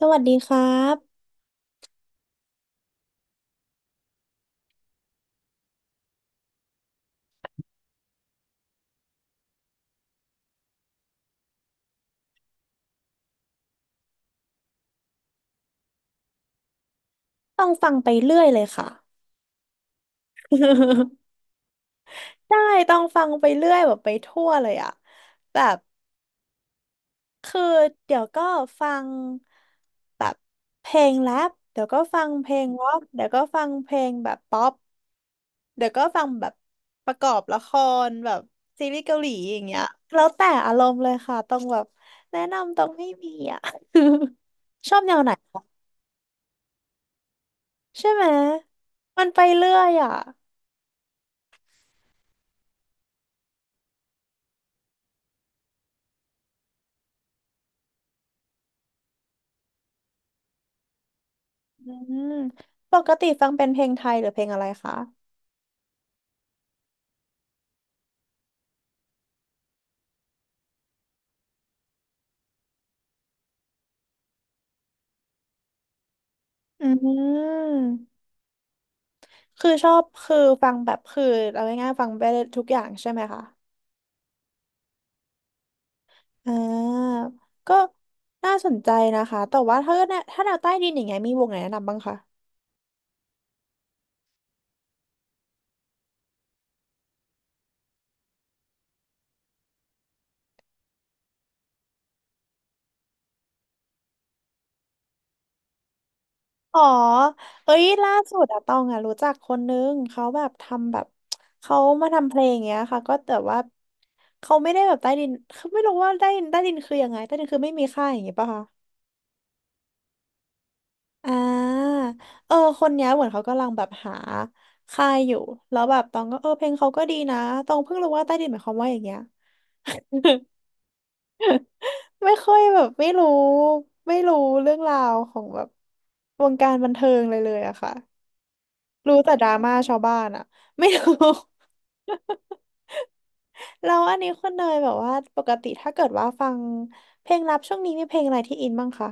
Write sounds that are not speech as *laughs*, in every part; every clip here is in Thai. สวัสดีครับต้องฟังไปเรื่อยเลยค่ะ *laughs* ได้ต้องฟังไปเรื่อยแบบไปทั่วเลยอะแบบคือเดี๋ยวก็ฟังแบบเพลงแรปเดี๋ยวก็ฟังเพลงร็อกเดี๋ยวก็ฟังเพลงแบบป๊อปเดี๋ยวก็ฟังแบบประกอบละครแบบซีรีส์เกาหลีอย่างเงี้ยแล้วแต่อารมณ์เลยค่ะต้องแบบแนะนำต้องไม่มีอะ *laughs* ชอบแนวไหนคะใช่ไหมมันไปเรื่อยอะ อืมปกติฟังเป็นเพลงไทยหรือเพลงอะไรคะอืมคือชอบคือฟังแบบคือเอาง่ายๆฟังไปทุกอย่างใช่ไหมคะอ่าก็น่าสนใจนะคะแต่ว่าถ้าเกิดเนี่ยถ้าแนวใต้ดินอย่างเงี้ยมีวงไหนแนะนำบ้างคะอ๋อเอ้ยล่าสุดอะตองอะรู้จักคนนึงเขาแบบทำแบบเขามาทำเพลงอย่างเงี้ยค่ะก็แต่ว่าเขาไม่ได้แบบใต้ดินเขาไม่รู้ว่าใต้ดินใต้ดินคือยังไงใต้ดินคือไม่มีค่าอย่างเงี้ยป่ะคะ อ่าเออคนเนี้ยเหมือนเขากำลังแบบหาค่ายอยู่แล้วแบบตองก็เออเพลงเขาก็ดีนะตองเพิ่งรู้ว่าใต้ดินหมายความว่าอย่างเงี้ย *laughs* ไม่ค่อยแบบไม่รู้เรื่องราวของแบบวงการบันเทิงเลยเลยอะค่ะรู้แต่ดราม่าชาวบ้านอะ *laughs* ไม่รู้ *laughs* แล้วอันนี้คุณเนยแบบว่าปกติถ้าเกิดว่าฟังเพลงรับช่วงนี้มีเพลงอะไรที่อินบ้างคะ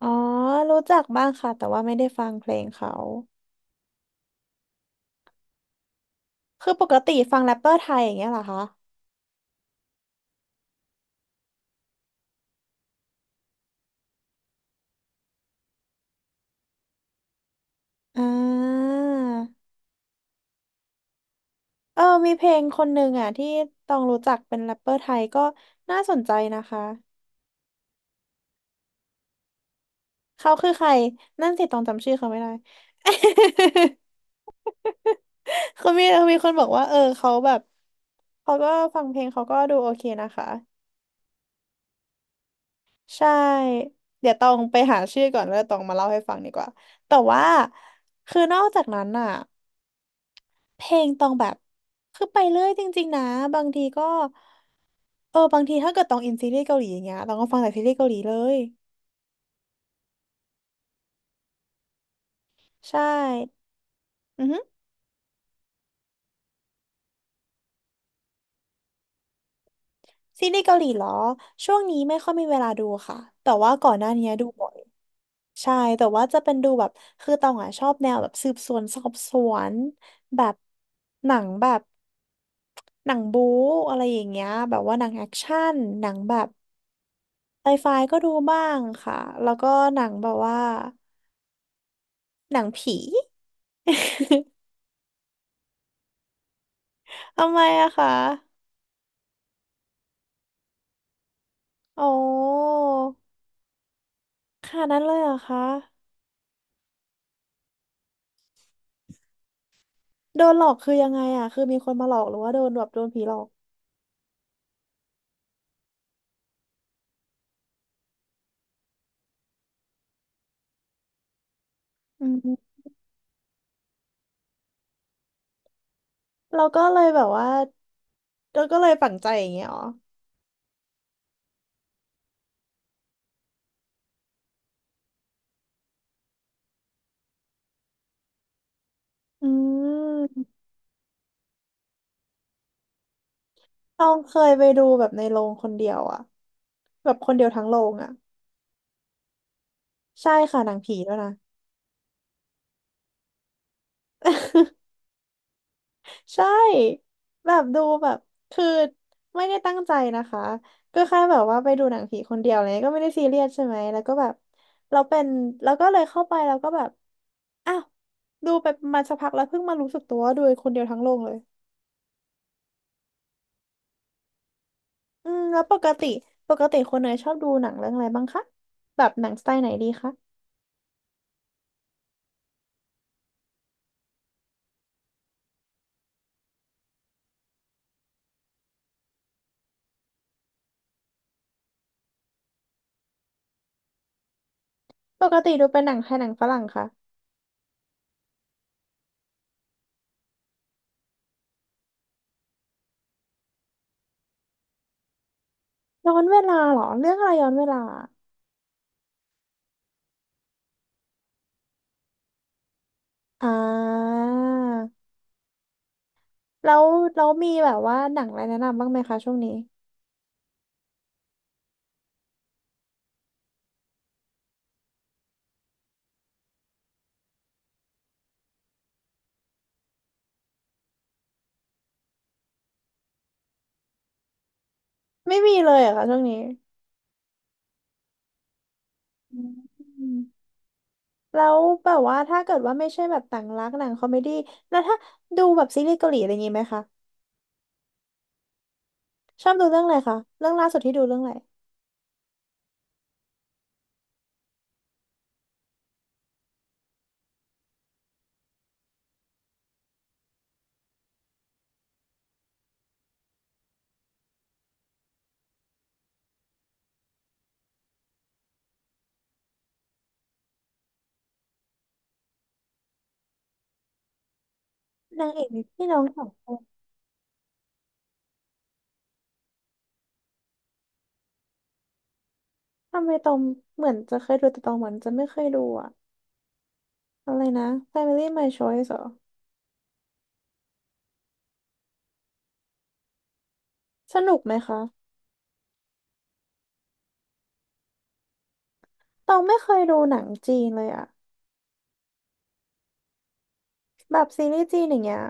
อ๋อรู้จักบ้างค่ะแต่ว่าไม่ได้ฟังเพลงเขา คือปกติฟังแรปเปอร์ไทยอย่างเงี้ยเหรอคะอ่าเออมีเพลงคนหนึ่งอ่ะที่ต้องรู้จักเป็นแรปเปอร์ไทยก็น่าสนใจนะคะ เขาคือใคร นั่นสิต้องจำชื่อเขาไม่ได้ *laughs* คือมีมีคนบอกว่าเออเขาแบบ เขาก็ฟังเพลงเขาก็ดูโอเคนะคะ ใช่ เดี๋ยวต้องไปหาชื่อก่อนแล้วตองมาเล่าให้ฟังดีกว่า แต่ว่า คือนอกจากนั้นอ่ะ เพลงตองแบบคือไปเรื่อยจริงๆนะบางทีก็เออบางทีถ้าเกิดตองอินซีรีส์เกาหลีอย่างเงี้ยตองก็ฟังแต่ซีรีส์เกาหลีเลยใช่อือฮึซีรีส์เกาหลีเหรอช่วงนี้ไม่ค่อยมีเวลาดูค่ะแต่ว่าก่อนหน้านี้ดูบ่อยใช่แต่ว่าจะเป็นดูแบบคือตองอ่ะชอบแนวแบบสืบสวนสอบสวนแบบหนังแบบหนังบู๊อะไรอย่างเงี้ยแบบว่าหนังแอคชั่นหนังแบบไซไฟก็ดูบ้างค่ะแล้วก็หนังแบบว่า หนังผี *laughs* ทำไมอะคะอ๋อขนาดนั้นเลยเหรอคะโดนหลอกคือยังไงอะคือมีคนมาหลอกหรือว่าโดนแบบโดนผีหลอกอืมเราก็เลยแบบว่า เราก็เลยฝังใจอย่างเงี้ยอ๋ออืมต้องเคยไปดูแบบในโรงคนเดียวอะ แบบคนเดียวทั้งโรงอะ ใช่ค่ะหนังผีด้วยนะ ใช่แบบดูแบบคือไม่ได้ตั้งใจนะคะก็แค่แบบว่าไปดูหนังผีคนเดียวอะไรเงี้ยก็ไม่ได้ซีเรียสใช่ไหมแล้วก็แบบเราเป็นแล้วก็เลยเข้าไปแล้วก็แบบอ้าวดูไปประมาณสักพักแล้วเพิ่งมารู้สึกตัวว่าดูคนเดียวทั้งโรงเลยอืมแล้วปกติคนเนยชอบดูหนังเรื่องอะไรบ้างคะแบบหนังสไตล์ไหนดีคะปกติดูเป็นหนังไทยหนังฝรั่งคะย้อนเวลาเหรอเรื่องอะไรย้อนเวลาอ่าแล้วมีแบบว่าหนังอะไรแนะนำบ้างไหมคะช่วงนี้ ไม่มีเลยเหรอะค่ะช่วงนี้อืมแล้วแบบว่าถ้าเกิดว่าไม่ใช่แบบต่างรักหนังคอมเมดี้แล้วถ้าดูแบบซีรีส์เกาหลีอะไรอย่างงี้ไหมคะชอบดูเรื่องอะไรคะเรื่องล่าสุดที่ดูเรื่องอะไรนางเอกมีพี่น้องสองคนทำไมตองเหมือนจะเคยดูแต่ตองเหมือนจะไม่เคยดูอะอะไรนะ Family My Choice เหรอสนุกไหมคะตองไม่เคยดูหนังจีนเลยอะแบบซีรีส์จีนอย่างเงี้ย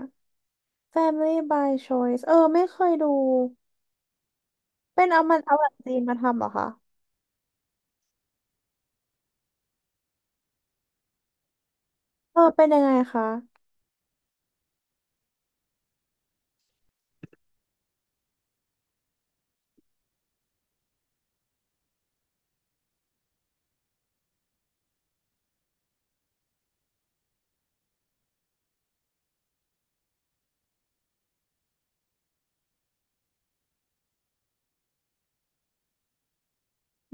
Family by Choice เออไม่เคยดูเป็นเอามันเอาหนังจีนมาทำเหรอคะเออเป็นยังไงคะ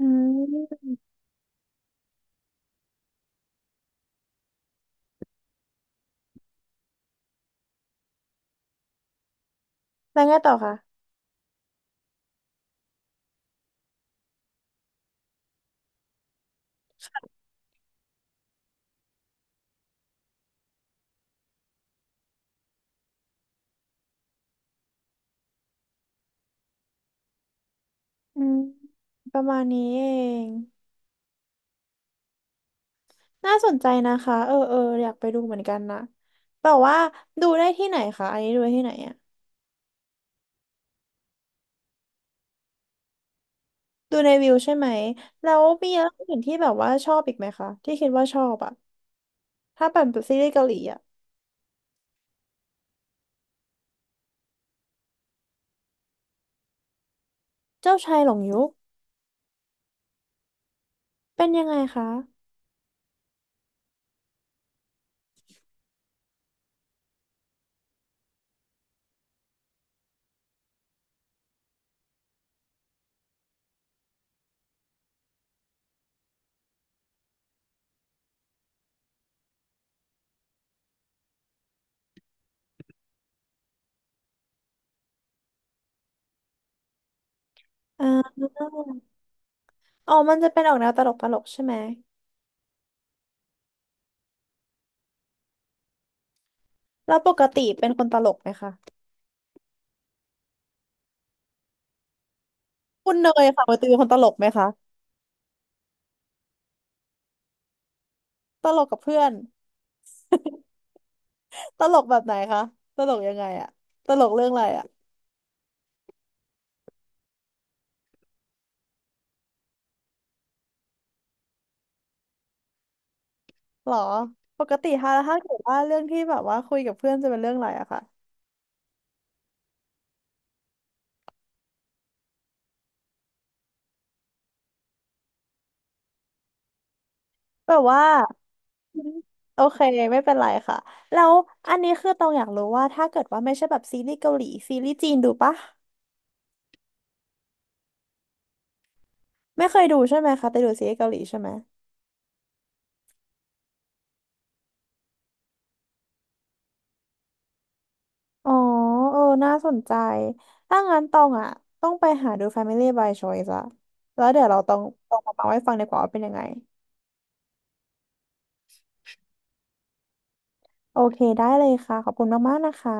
อืมแล้วไงต่อคะอืมประมาณนี้เองน่าสนใจนะคะเออเอออยากไปดูเหมือนกันนะแต่ว่าดูได้ที่ไหนคะอันนี้ดูได้ที่ไหนอะดูในวิวใช่ไหมแล้วมีเรื่องอื่นที่แบบว่าชอบอีกไหมคะที่คิดว่าชอบอะถ้าเป็นซีรีส์เกาหลีอะเจ้าชายหลงยุคเป็นยังไงคะอ่าอ๋อมันจะเป็นออกแนวตลกตลกใช่ไหมแล้วปกติเป็นคนตลกไหมคะคุณเนยค่ะปกติเป็นคนตลกไหมคะตลกกับเพื่อน ตลกแบบไหนคะตลกยังไงอะตลกเรื่องอะไรอะหรอปกติถ้าเกิดว่าเรื่องที่แบบว่าคุยกับเพื่อนจะเป็นเรื่องอะไรอะค่ะแบบว่าโอเคไม่เป็นไรค่ะแล้วอันนี้คือตองอยากรู้ว่าถ้าเกิดว่าไม่ใช่แบบซีรีส์เกาหลีซีรีส์จีนดูปะไม่เคยดูใช่ไหมคะแต่ดูซีรีส์เกาหลีใช่ไหมอ๋อเออน่าสนใจถ้างั้นตองอะต้องไปหาดู Family by Choice อะแล้วเดี๋ยวเราต้องมาเล่าให้ฟังดีกว่าว่าเป็นยังไงโอเคได้เลยค่ะขอบคุณมากๆนะคะ